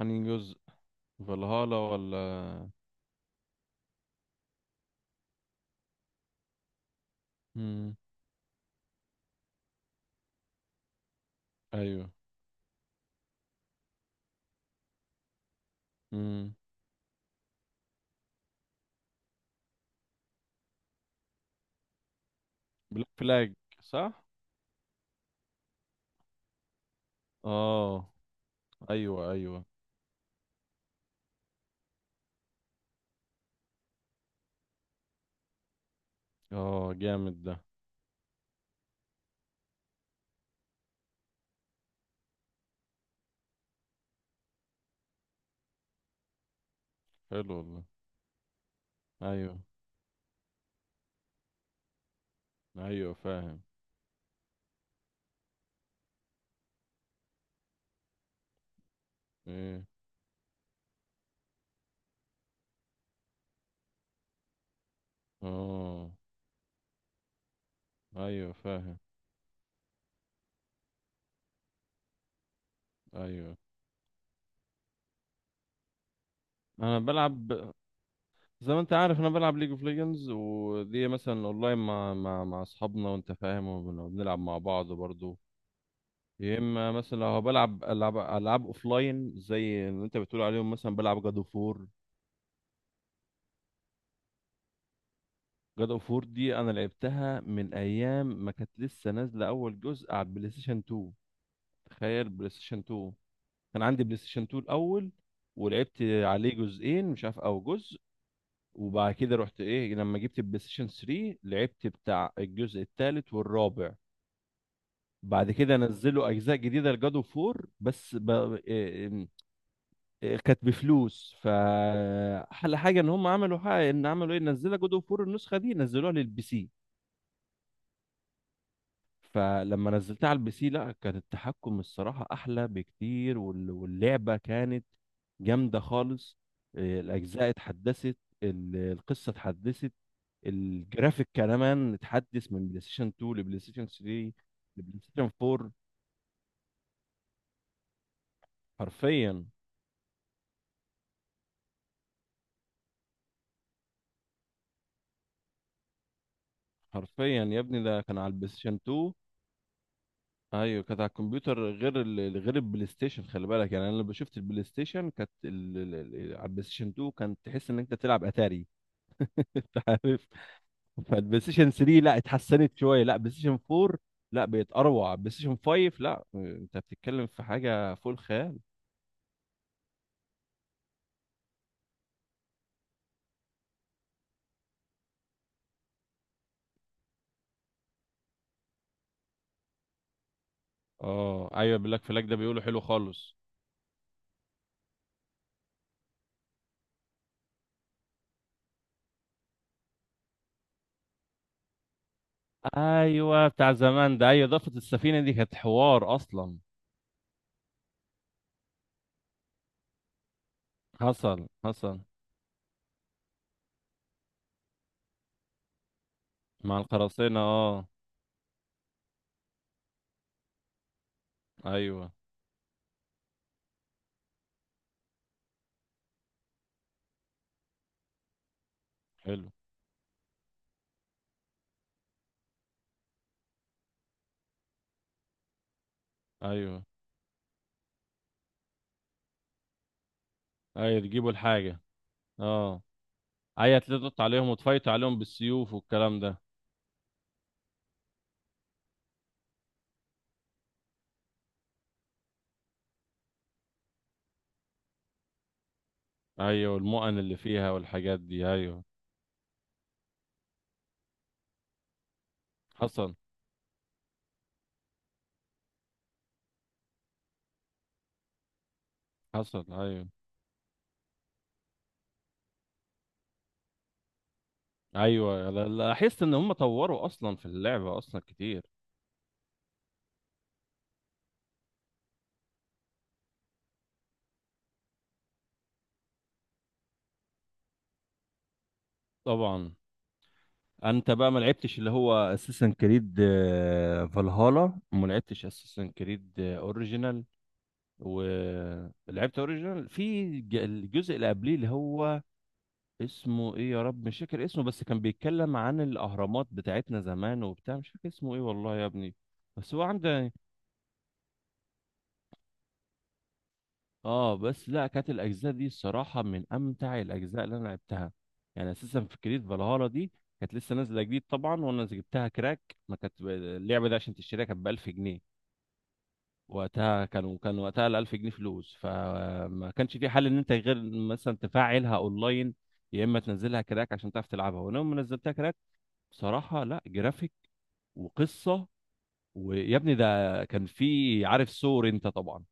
انهي جزء؟ فالهالا ولا؟ مم. ايوه. مم. بلاك فلاج. صح. اه. ايوه ايوه. اه، جامد ده. حلو والله. ايوه ايوه فاهم. ايه؟ اه ايوه فاهم. ايوه. انا بلعب. زي ما انت عارف انا بلعب ليج اوف ليجندز، ودي مثلا اونلاين مع اصحابنا وانت فاهم، وبنلعب مع بعض برضو. يا اما مثلا لو بلعب العاب اوفلاين زي اللي انت بتقول عليهم، مثلا بلعب جاد اوف وور. جاد اوف وور دي انا لعبتها من ايام ما كانت لسه نازله اول جزء على البلاي ستيشن 2. تخيل، بلاي ستيشن 2. كان عندي بلاي ستيشن 2 الاول، ولعبت عليه جزئين مش عارف او جزء. وبعد كده رحت ايه لما جبت البلاي ستيشن 3، لعبت بتاع الجزء الثالث والرابع. بعد كده نزلوا اجزاء جديده لجاد اوف وور بس ب... إيه- إيه، كانت بفلوس. فاحلى حاجه ان هم عملوا حاجه، ان عملوا ايه، نزلوا جاد اوف وور النسخه دي نزلوها للبي سي. فلما نزلتها على البي سي لا، كان التحكم الصراحة أحلى بكتير، واللعبة كانت جامدة خالص. الأجزاء اتحدثت. القصة اتحدثت. الجرافيك كمان اتحدث من بلاي ستيشن 2 لبلاي ستيشن 3 لبلاي ستيشن 4. حرفيا. حرفيا يا ابني، ده كان على البلاي ستيشن 2. ايوه كانت على الكمبيوتر، غير البلاي ستيشن. خلي بالك يعني، انا لما شفت البلاي ستيشن كانت على البلاي ستيشن 2 كانت تحس ان انت تلعب اتاري. انت عارف. فالبلاي ستيشن 3 لا، اتحسنت شويه. لا بلاي ستيشن 4 لا، بقت اروع. بلاي ستيشن 5 لا، انت بتتكلم في حاجه فوق الخيال. اه ايوه، بلاك فلاج ده بيقولوا حلو خالص. ايوه بتاع زمان ده، ايوه، اضافه السفينه دي كانت حوار اصلا. حصل حصل. مع القراصنة، اه. ايوه. حلو. ايوه ايوه، تجيبوا الحاجة. اه. ايوه، تلطط عليهم وتفايتوا عليهم بالسيوف والكلام ده. ايوه، والمؤن اللي فيها والحاجات دي، ايوه. حصل حصل. ايوه ايوه، لاحظت ان هم طوروا اصلا في اللعبه اصلا كتير. طبعا. انت بقى ما لعبتش اللي هو اساسن كريد فالهالا، وما لعبتش اساسن كريد اوريجينال. ولعبت اوريجينال في الجزء اللي قبليه اللي هو اسمه ايه، يا رب مش فاكر اسمه. بس كان بيتكلم عن الاهرامات بتاعتنا زمان وبتاع، مش فاكر اسمه ايه والله يا ابني. بس هو عنده. اه بس لا، كانت الاجزاء دي الصراحه من امتع الاجزاء اللي انا لعبتها. يعني اساسا في كريد فالهالا دي. كانت لسه نازله جديد طبعا، وانا جبتها كراك. ما كانت اللعبه دي عشان تشتريها كانت ب 1000 جنيه. وقتها كان وقتها ال 1000 جنيه فلوس، فما كانش في حل ان انت غير مثلا تفعلها اونلاين، يا اما تنزلها كراك عشان تعرف تلعبها. وانا يوم ما نزلتها كراك، بصراحه، لا جرافيك، وقصه. ويا ابني ده، كان في، عارف سور انت طبعا؟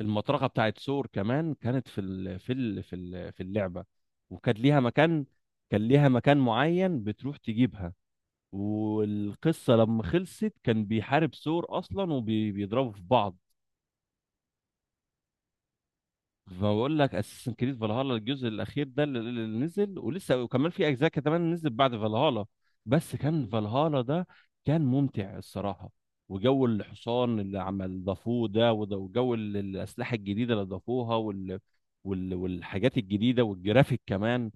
المطرقه بتاعت ثور كمان كانت في اللعبه. وكانت ليها مكان. كان ليها مكان معين بتروح تجيبها. والقصه لما خلصت كان بيحارب ثور اصلا وبيضربوا في بعض. ما بقول لك اساسن كريد فالهالا الجزء الاخير ده اللي نزل، ولسه وكمان في اجزاء كمان نزلت بعد فالهالا. بس كان فالهالا ده كان ممتع الصراحه. وجو الحصان اللي عمل ضافوه ده، وجو الاسلحه الجديده اللي ضافوها، والحاجات الجديده والجرافيك كمان.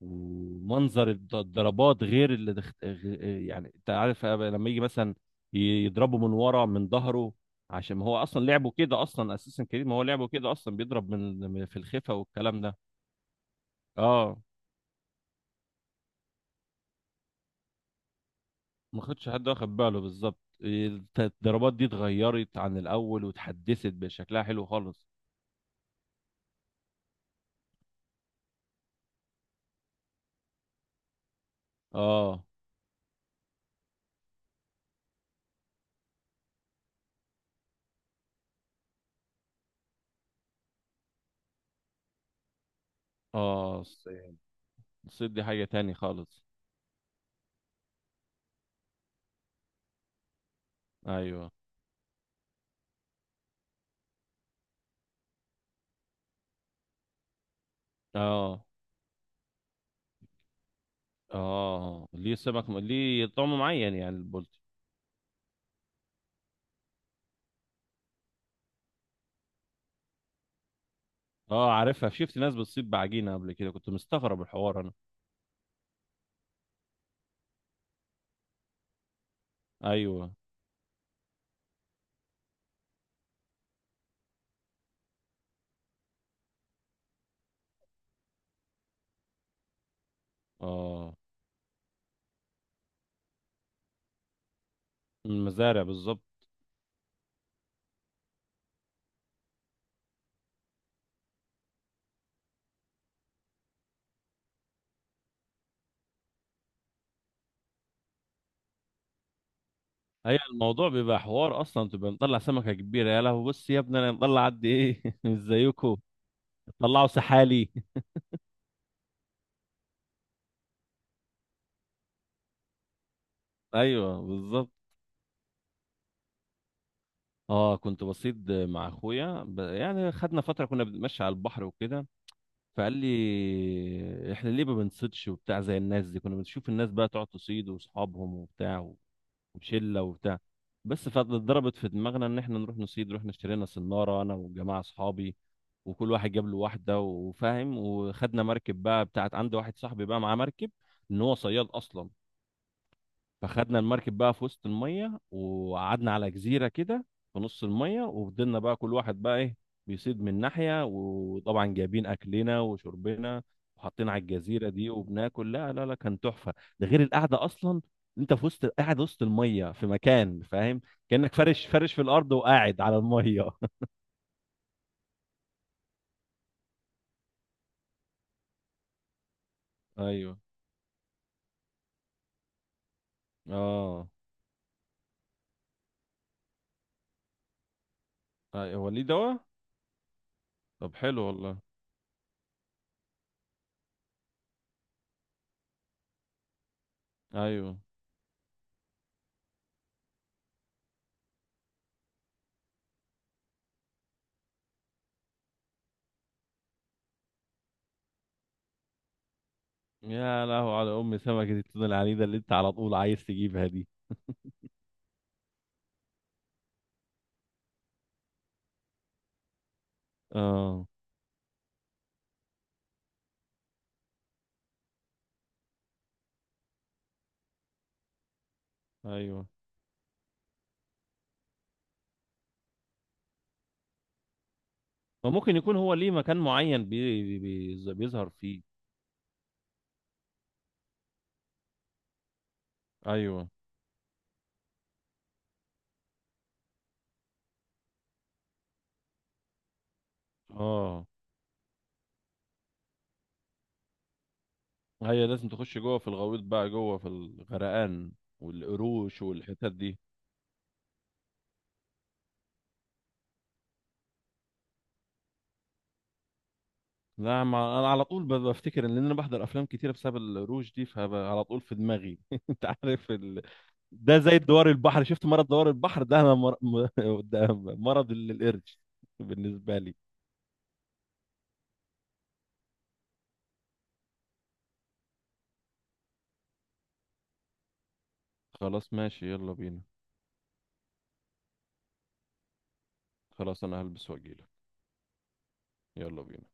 ومنظر الضربات، غير يعني انت عارف لما يجي مثلا يضربه من ورا من ظهره، عشان ما هو اصلا لعبه كده اصلا اساسا كريم، ما هو لعبه كده اصلا بيضرب في الخفا والكلام ده. اه. ما خدش حد واخد باله بالظبط. الضربات دي اتغيرت عن الاول واتحدثت بشكلها حلو خالص. اه اه، الصيد. الصيد دي حاجة تاني خالص. ايوه. اه اه، ليه طعم معين يعني البولتي. اه عارفها، شفت ناس بتصيد بعجينة قبل كده، كنت مستغرب الحوار انا. ايوه. اه، المزارع بالظبط. هي الموضوع بيبقى حوار اصلا تبقى مطلع سمكه كبيره. يا لهوي، بص يا ابني انا مطلع قد ايه مش زيكم. طلعوا سحالي. ايوه بالظبط. اه كنت بصيد مع اخويا يعني خدنا فتره كنا بنتمشى على البحر وكده. فقال لي احنا ليه ما بنصيدش وبتاع زي الناس دي، كنا بنشوف الناس بقى تقعد تصيد واصحابهم وبتاع وشله وبتاع. بس فضربت في دماغنا ان احنا نروح نصيد. رحنا اشترينا سناره انا وجماعه اصحابي، وكل واحد جاب له واحده وفاهم، وخدنا مركب بقى بتاعت عند واحد صاحبي بقى معاه مركب، ان هو صياد اصلا. فخدنا المركب بقى في وسط الميه، وقعدنا على جزيره كده في نص الميه. وفضلنا بقى كل واحد بقى ايه بيصيد من ناحيه، وطبعا جايبين اكلنا وشربنا وحاطين على الجزيره دي وبناكل. لا لا لا، كان تحفه، ده غير القعده اصلا. انت في وسط، قاعد وسط الميه في مكان فاهم، كانك فرش فرش في الارض وقاعد على الميه ايوه. اه. أيوة. هو ليه دواء؟ طب حلو والله. ايوه. يا لهو على ام سمكه التونه العنيده اللي انت على طول عايز تجيبها دي. اه ايوه، فممكن يكون هو ليه مكان معين بيظهر فيه. ايوه. اه، هي لازم تخش جوه في الغويط بقى جوه في الغرقان، والقروش والحتت دي. لا ما انا على طول بفتكر ان انا بحضر افلام كتيره بسبب القروش دي، فعلى طول في دماغي انت عارف ده زي دوار البحر، شفت مرض دوار البحر ده، ده مرض القرش بالنسبه لي. خلاص ماشي، يلا بينا. خلاص انا هلبس واجيلك. يلا بينا.